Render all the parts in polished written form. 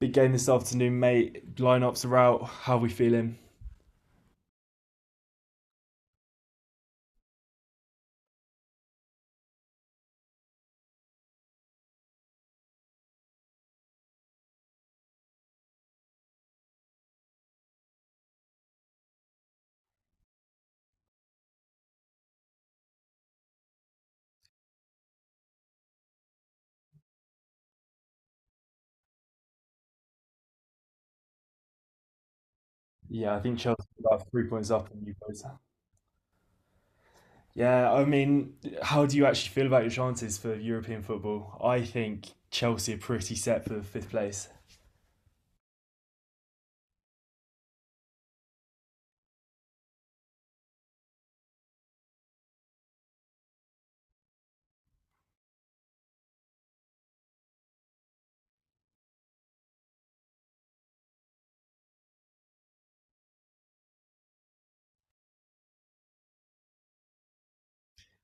Big game this afternoon, mate. Lineups are out. How are we feeling? Yeah, I think Chelsea are about 3 points up on you boys. Yeah, I mean, how do you actually feel about your chances for European football? I think Chelsea are pretty set for fifth place.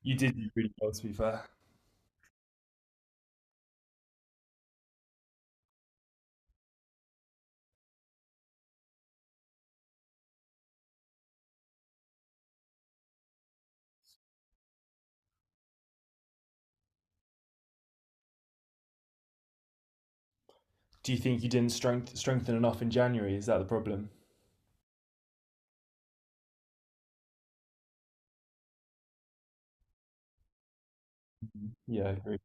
You did do really well, to be fair. Do you think you didn't strengthen enough in January? Is that the problem? Mm-hmm. Yeah, I agree.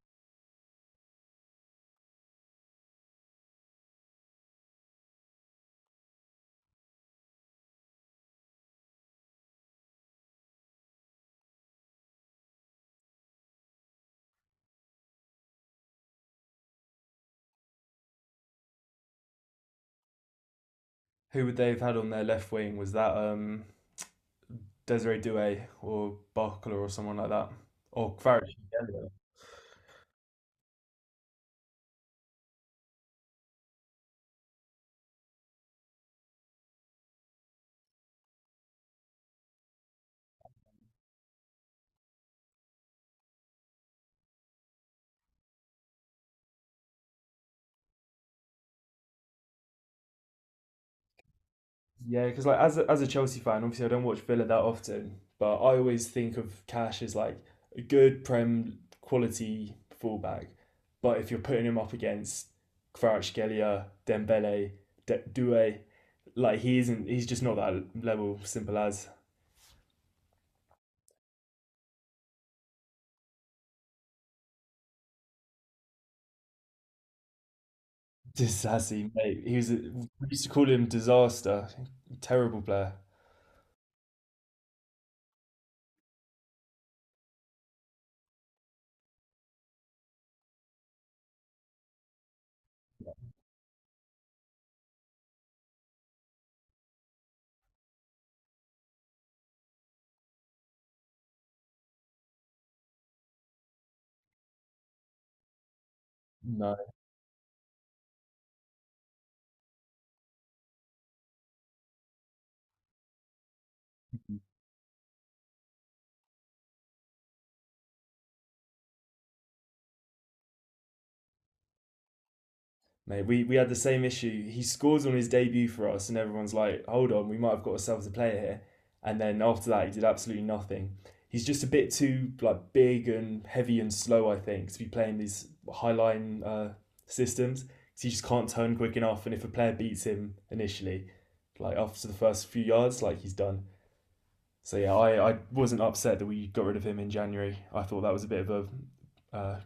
Who would they have had on their left wing? Was that Desiree Douay or Barcola or someone like that? Or Farage? Yeah. Yeah, because like as a Chelsea fan, obviously I don't watch Villa that often, but I always think of Cash as like a good Prem quality fullback. But if you're putting him up against Kvaratskhelia, Dembele, Doué, like he isn't. He's just not that level. Simple as. Disasi, mate. He was. We used to call him disaster, terrible player. No. Mate, we had the same issue. He scores on his debut for us, and everyone's like, hold on, we might have got ourselves a player here. And then after that, he did absolutely nothing. He's just a bit too like big and heavy and slow, I think, to be playing these high line systems. 'Cause he just can't turn quick enough, and if a player beats him initially, like after the first few yards, like he's done. So yeah, I wasn't upset that we got rid of him in January. I thought that was a bit of a uh,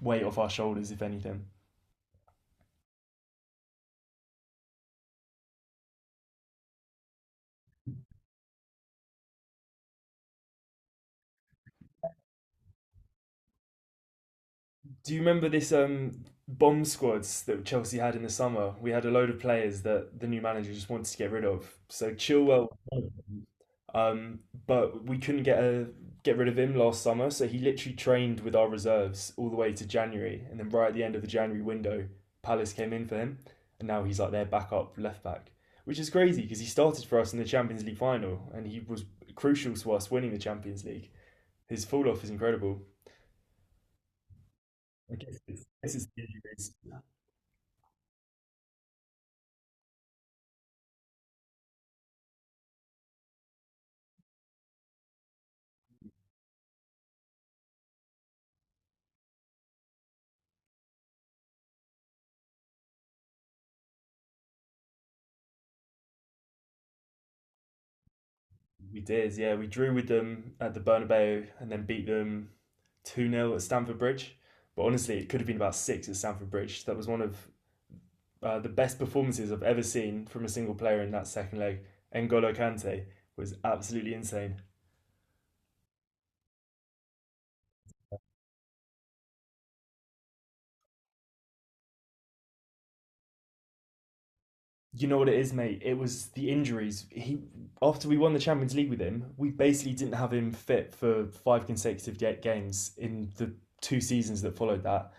weight off our shoulders, if anything. Do you remember this bomb squads that Chelsea had in the summer? We had a load of players that the new manager just wanted to get rid of. So Chilwell, um, but we couldn't get rid of him last summer. So he literally trained with our reserves all the way to January, and then right at the end of the January window, Palace came in for him, and now he's like their backup left back, which is crazy because he started for us in the Champions League final, and he was crucial to us winning the Champions League. His fall off is incredible. I guess it's the injuries. We did, yeah. We drew with them at the Bernabeu and then beat them 2 nil at Stamford Bridge. But honestly, it could have been about six at Stamford Bridge. That was one of the best performances I've ever seen from a single player in that second leg. N'Golo Kante was absolutely insane. You know what it is, mate? It was the injuries. He After we won the Champions League with him, we basically didn't have him fit for five consecutive games in the two seasons that followed that,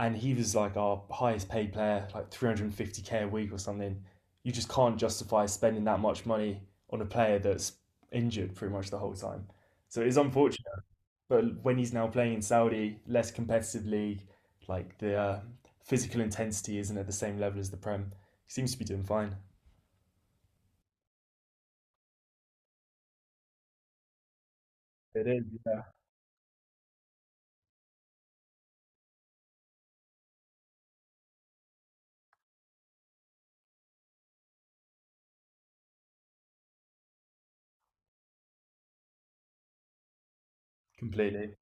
and he was like our highest paid player, like 350K a week or something. You just can't justify spending that much money on a player that's injured pretty much the whole time. So it is unfortunate, but when he's now playing in Saudi, less competitive league, like the physical intensity isn't at the same level as the Prem. He seems to be doing fine. It is, yeah. Completely.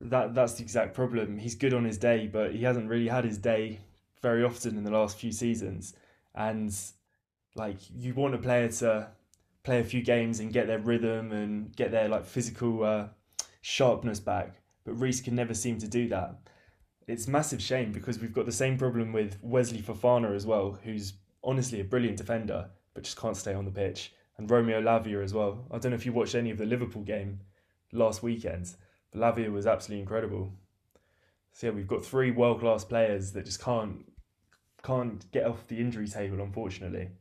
That's the exact problem. He's good on his day, but he hasn't really had his day very often in the last few seasons. And like you want a player to play a few games and get their rhythm and get their like physical sharpness back, but Reese can never seem to do that. It's massive shame because we've got the same problem with Wesley Fofana as well, who's honestly a brilliant defender but just can't stay on the pitch, and Romeo Lavia as well. I don't know if you watched any of the Liverpool game last weekend, but Lavia was absolutely incredible. So yeah, we've got three world class players that just can't get off the injury table, unfortunately.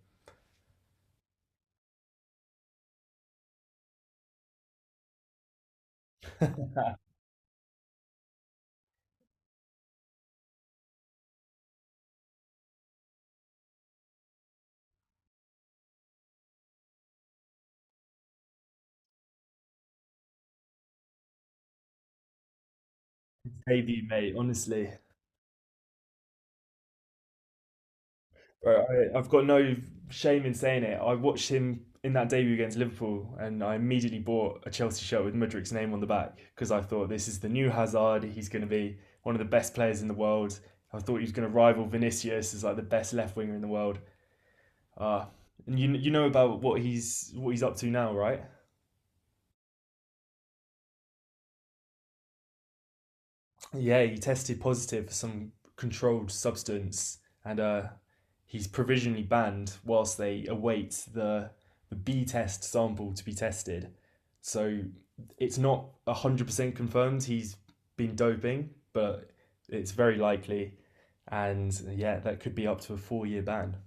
Debut, mate. Honestly, bro, I've got no shame in saying it. I watched him in that debut against Liverpool, and I immediately bought a Chelsea shirt with Mudrik's name on the back because I thought this is the new Hazard. He's going to be one of the best players in the world. I thought he was going to rival Vinicius as like the best left winger in the world. Uh, and you know about what he's up to now, right? Yeah, he tested positive for some controlled substance, and he's provisionally banned whilst they await the B test sample to be tested. So it's not 100% confirmed he's been doping, but it's very likely, and yeah, that could be up to a 4-year ban.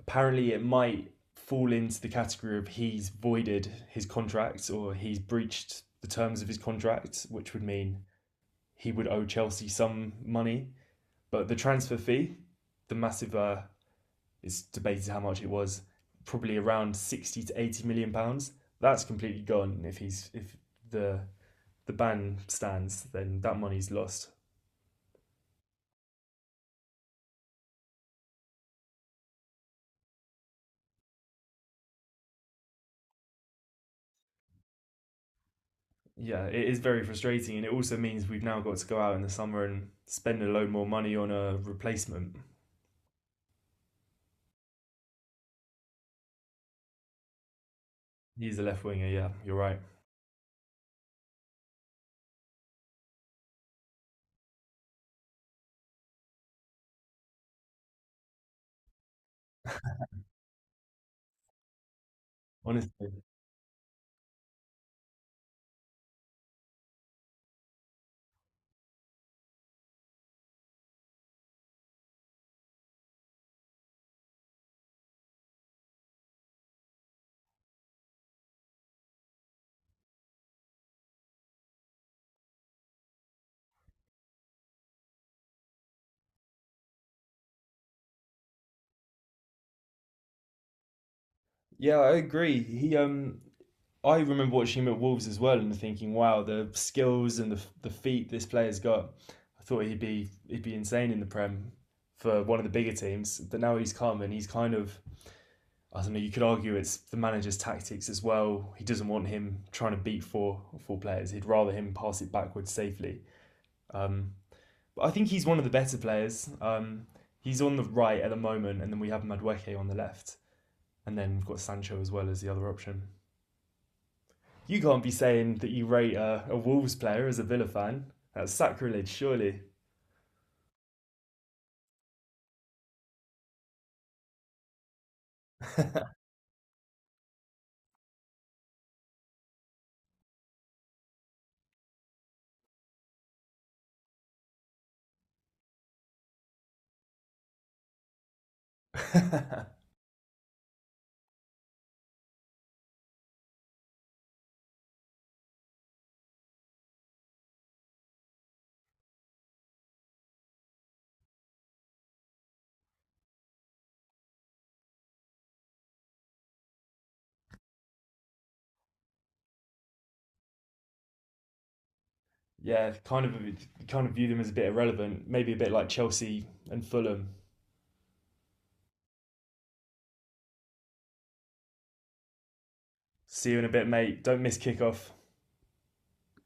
Apparently, it might fall into the category of he's voided his contract or he's breached the terms of his contract, which would mean he would owe Chelsea some money. But the transfer fee, the massive, is debated how much it was, probably around 60 to £80 million. That's completely gone if he's if the the ban stands, then that money's lost. Yeah, it is very frustrating, and it also means we've now got to go out in the summer and spend a load more money on a replacement. He's a left winger, yeah, you're right. Honestly, yeah, I agree. He I remember watching him at Wolves as well and thinking, wow, the skills and the feet this player's got. I thought he'd be insane in the Prem for one of the bigger teams, but now he's come and he's kind of, I don't know. You could argue it's the manager's tactics as well. He doesn't want him trying to beat four players. He'd rather him pass it backwards safely. Um, but I think he's one of the better players. He's on the right at the moment, and then we have Madueke on the left, and then we've got Sancho as well as the other option. You can't be saying that you rate a Wolves player as a Villa fan. That's sacrilege, surely. Yeah, kind of kind of view them as a bit irrelevant, maybe a bit like Chelsea and Fulham. See you in a bit, mate. Don't miss kickoff.